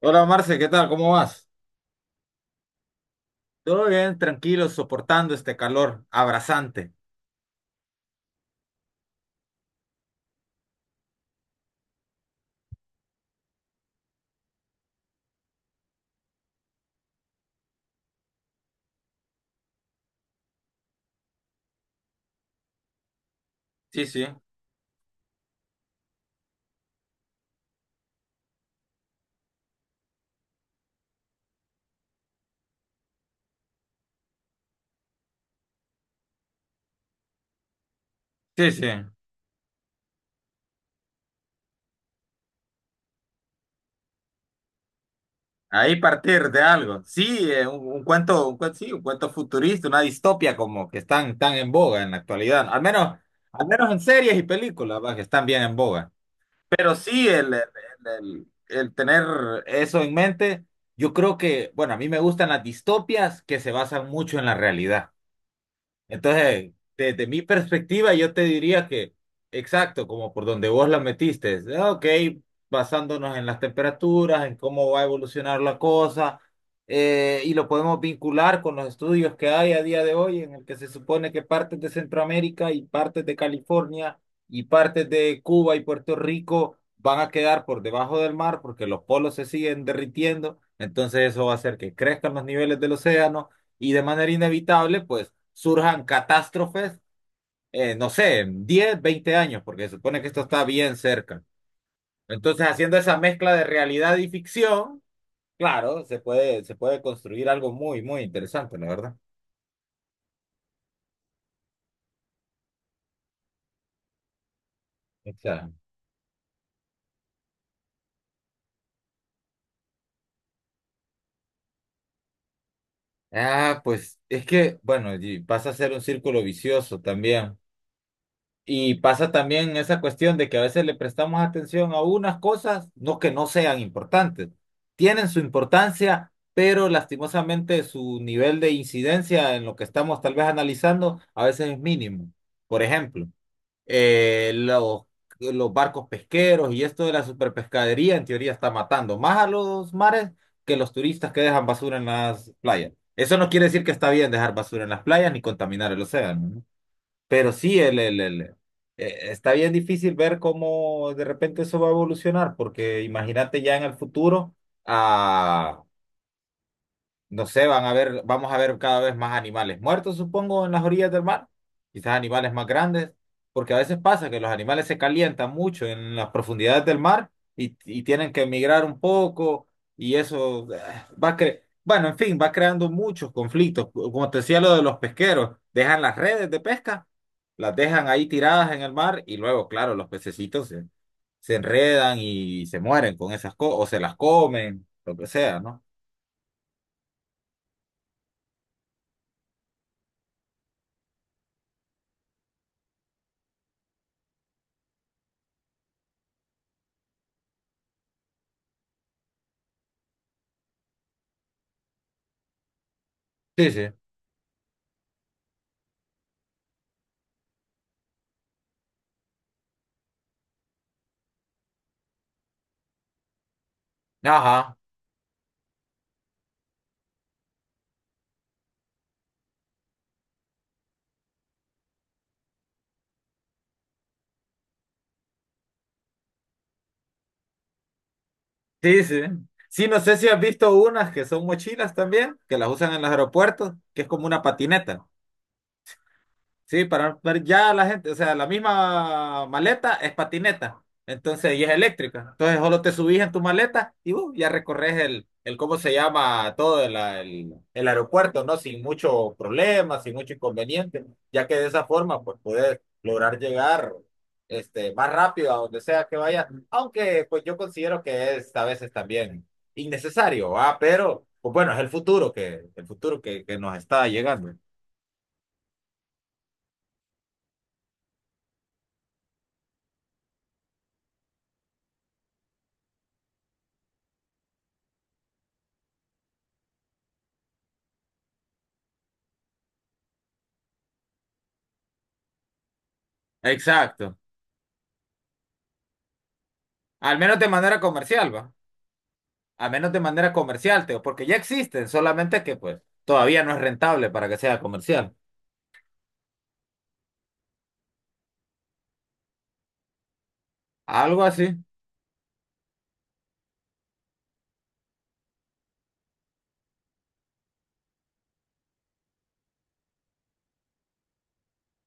Hola Marce, ¿qué tal? ¿Cómo vas? Todo bien, tranquilo, soportando este calor abrasante. Sí, sí, sí, sí. Ahí partir de algo. Sí, un cuento, sí, un cuento futurista, una distopia como que están tan en boga en la actualidad. Al menos en series y películas, va, que están bien en boga. Pero sí, el tener eso en mente, yo creo que, bueno, a mí me gustan las distopias que se basan mucho en la realidad. Entonces, desde mi perspectiva, yo te diría que, exacto, como por donde vos la metiste, es, ah, ok, basándonos en las temperaturas, en cómo va a evolucionar la cosa, y lo podemos vincular con los estudios que hay a día de hoy, en el que se supone que partes de Centroamérica y partes de California y partes de Cuba y Puerto Rico van a quedar por debajo del mar porque los polos se siguen derritiendo, entonces eso va a hacer que crezcan los niveles del océano y de manera inevitable, pues surjan catástrofes, no sé, en 10, 20 años, porque se supone que esto está bien cerca. Entonces, haciendo esa mezcla de realidad y ficción, claro, se puede construir algo muy, muy interesante, la verdad. O sea, ah, pues es que, bueno, y pasa a ser un círculo vicioso también. Y pasa también esa cuestión de que a veces le prestamos atención a unas cosas, no que no sean importantes. Tienen su importancia, pero lastimosamente su nivel de incidencia en lo que estamos tal vez analizando a veces es mínimo. Por ejemplo, eh, los, los barcos pesqueros y esto de la superpescadería en teoría está matando más a los mares que los turistas que dejan basura en las playas. Eso no quiere decir que está bien dejar basura en las playas ni contaminar el océano, ¿no? Pero sí, está bien difícil ver cómo de repente eso va a evolucionar, porque imagínate ya en el futuro, a no sé, vamos a ver cada vez más animales muertos, supongo, en las orillas del mar. Quizás animales más grandes, porque a veces pasa que los animales se calientan mucho en las profundidades del mar y tienen que emigrar un poco y eso bueno, en fin, va creando muchos conflictos. Como te decía lo de los pesqueros, dejan las redes de pesca, las dejan ahí tiradas en el mar y luego, claro, se enredan y se mueren con esas cosas o se las comen, lo que sea, ¿no? Sí, sí. Ajá. Sí, sí. Sí, no sé si has visto unas que son mochilas también, que las usan en los aeropuertos, que es como una patineta. Sí, para ver ya la gente, o sea, la misma maleta es patineta, entonces y es eléctrica. Entonces solo te subís en tu maleta y ya recorres ¿cómo se llama? Todo el aeropuerto, ¿no? Sin mucho problema, sin mucho inconveniente, ya que de esa forma, pues, puedes lograr llegar este, más rápido a donde sea que vayas, aunque, pues, yo considero que es a veces también innecesario, ¿va? Pero, pues, bueno, es el futuro que nos está llegando. Exacto. Al menos de manera comercial, va. Al menos de manera comercial, Teo, porque ya existen, solamente que pues todavía no es rentable para que sea comercial. Algo así.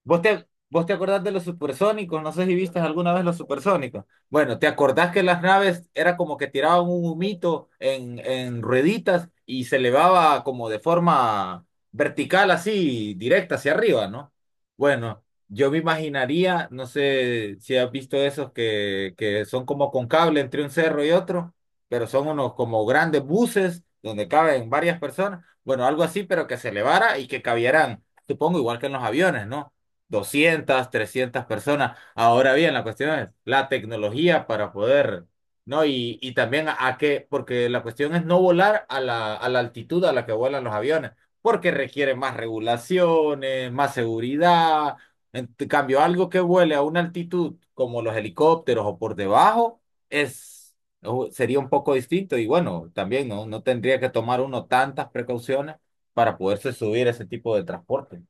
¿Vos te acordás de los supersónicos? No sé si viste alguna vez los supersónicos. Bueno, ¿te acordás que las naves era como que tiraban un humito en rueditas y se elevaba como de forma vertical, así, directa hacia arriba, ¿no? Bueno, yo me imaginaría, no sé si has visto esos que son como con cable entre un cerro y otro, pero son unos como grandes buses donde caben varias personas. Bueno, algo así, pero que se elevara y que cabieran, supongo, igual que en los aviones, ¿no? Doscientas 300 personas. Ahora bien, la cuestión es la tecnología para poder, ¿no? Y también a qué, porque la cuestión es no volar a a la altitud a la que vuelan los aviones, porque requiere más regulaciones, más seguridad. Cambio, algo que vuele a una altitud como los helicópteros o por debajo es, sería un poco distinto y bueno, también no, no tendría que tomar uno tantas precauciones para poderse subir a ese tipo de transporte.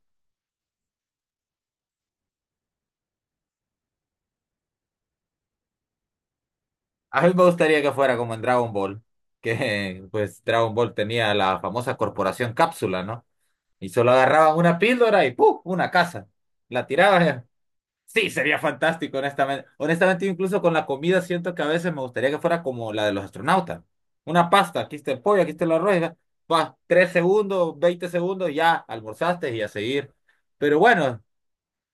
A mí me gustaría que fuera como en Dragon Ball, que pues Dragon Ball tenía la famosa corporación cápsula, ¿no? Y solo agarraban una píldora y ¡puf! Una casa. La tiraban. Sí, sería fantástico, honestamente. Honestamente, incluso con la comida siento que a veces me gustaría que fuera como la de los astronautas. Una pasta, aquí está el pollo, aquí está el arroz, y va, va, tres segundos, 20 segundos, ya almorzaste y a seguir. Pero bueno,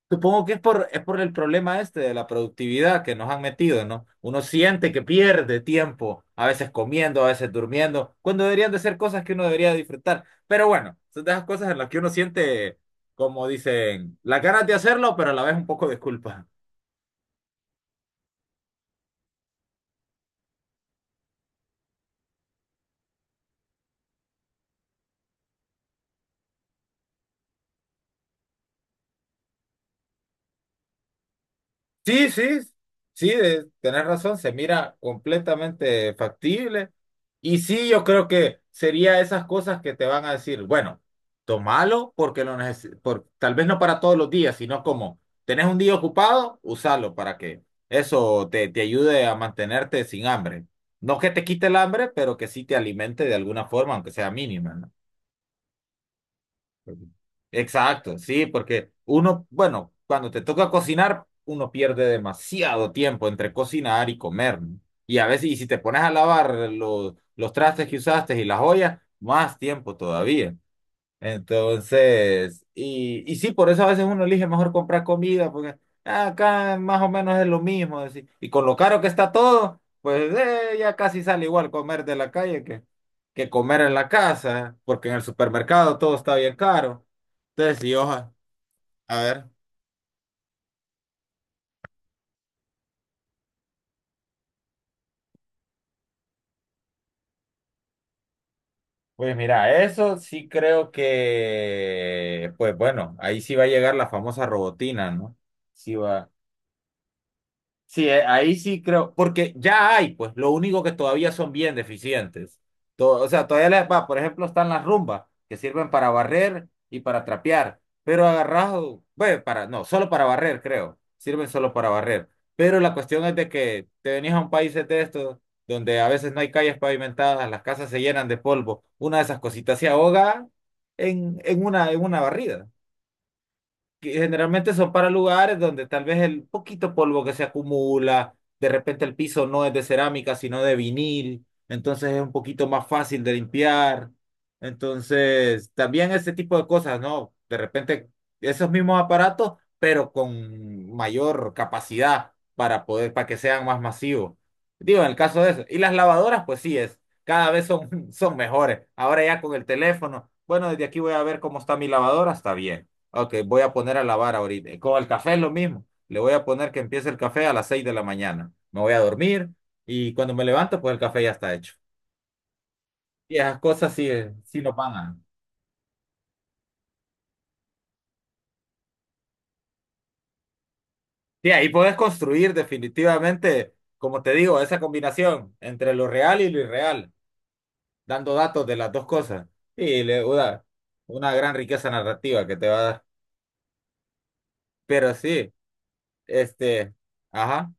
supongo que es es por el problema este de la productividad que nos han metido, ¿no? Uno siente que pierde tiempo, a veces comiendo, a veces durmiendo, cuando deberían de ser cosas que uno debería disfrutar. Pero bueno, son de esas cosas en las que uno siente, como dicen, las ganas de hacerlo, pero a la vez un poco de culpa. Sí, sí, sí, tenés razón, se mira completamente factible. Y sí, yo creo que sería esas cosas que te van a decir, bueno, tomalo porque lo neces por, tal vez no para todos los días, sino como tenés un día ocupado, usalo para que eso te ayude a mantenerte sin hambre. No que te quite el hambre, pero que sí te alimente de alguna forma, aunque sea mínima, ¿no? Exacto, sí, porque uno, bueno, cuando te toca cocinar, uno pierde demasiado tiempo entre cocinar y comer, ¿no? Y a veces, y si te pones a lavar los trastes que usaste y las ollas, más tiempo todavía. Entonces, y sí, por eso a veces uno elige mejor comprar comida, porque "Ah, acá más o menos es lo mismo, así. Y con lo caro que está todo, pues ya casi sale igual comer de la calle que comer en la casa, porque en el supermercado todo está bien caro. Tres Riojas. A ver. Pues mira, eso sí creo que, pues bueno, ahí sí va a llegar la famosa robotina, ¿no? Sí va. Sí, ahí sí creo, porque ya hay, pues lo único que todavía son bien deficientes. O sea, todavía les va, por ejemplo, están las rumbas, que sirven para barrer y para trapear, pero agarrado, bueno, para, no, solo para barrer, creo, sirven solo para barrer. Pero la cuestión es de que te venís a un país de estos, donde a veces no hay calles pavimentadas, las casas se llenan de polvo, una de esas cositas se ahoga en en una barrida que generalmente son para lugares donde tal vez el poquito polvo que se acumula, de repente el piso no es de cerámica, sino de vinil, entonces es un poquito más fácil de limpiar. Entonces, también ese tipo de cosas, ¿no? De repente esos mismos aparatos, pero con mayor capacidad para poder, para que sean más masivos. Digo, en el caso de eso. Y las lavadoras, pues sí es. Cada vez son, son mejores. Ahora ya con el teléfono. Bueno, desde aquí voy a ver cómo está mi lavadora. Está bien. Ok, voy a poner a lavar ahorita. Con el café es lo mismo. Le voy a poner que empiece el café a las 6 de la mañana. Me voy a dormir y cuando me levanto, pues el café ya está hecho. Y esas cosas sí, sí nos van a... Sí, ahí puedes construir definitivamente, como te digo, esa combinación entre lo real y lo irreal, dando datos de las dos cosas. Y le una gran riqueza narrativa que te va a dar. Pero sí, este, ajá,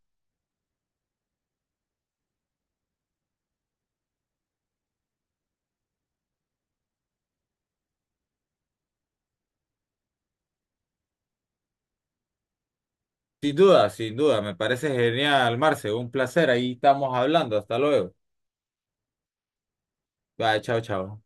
sin duda, sin duda, me parece genial, Marce, un placer. Ahí estamos hablando, hasta luego. Bye, chao, chao.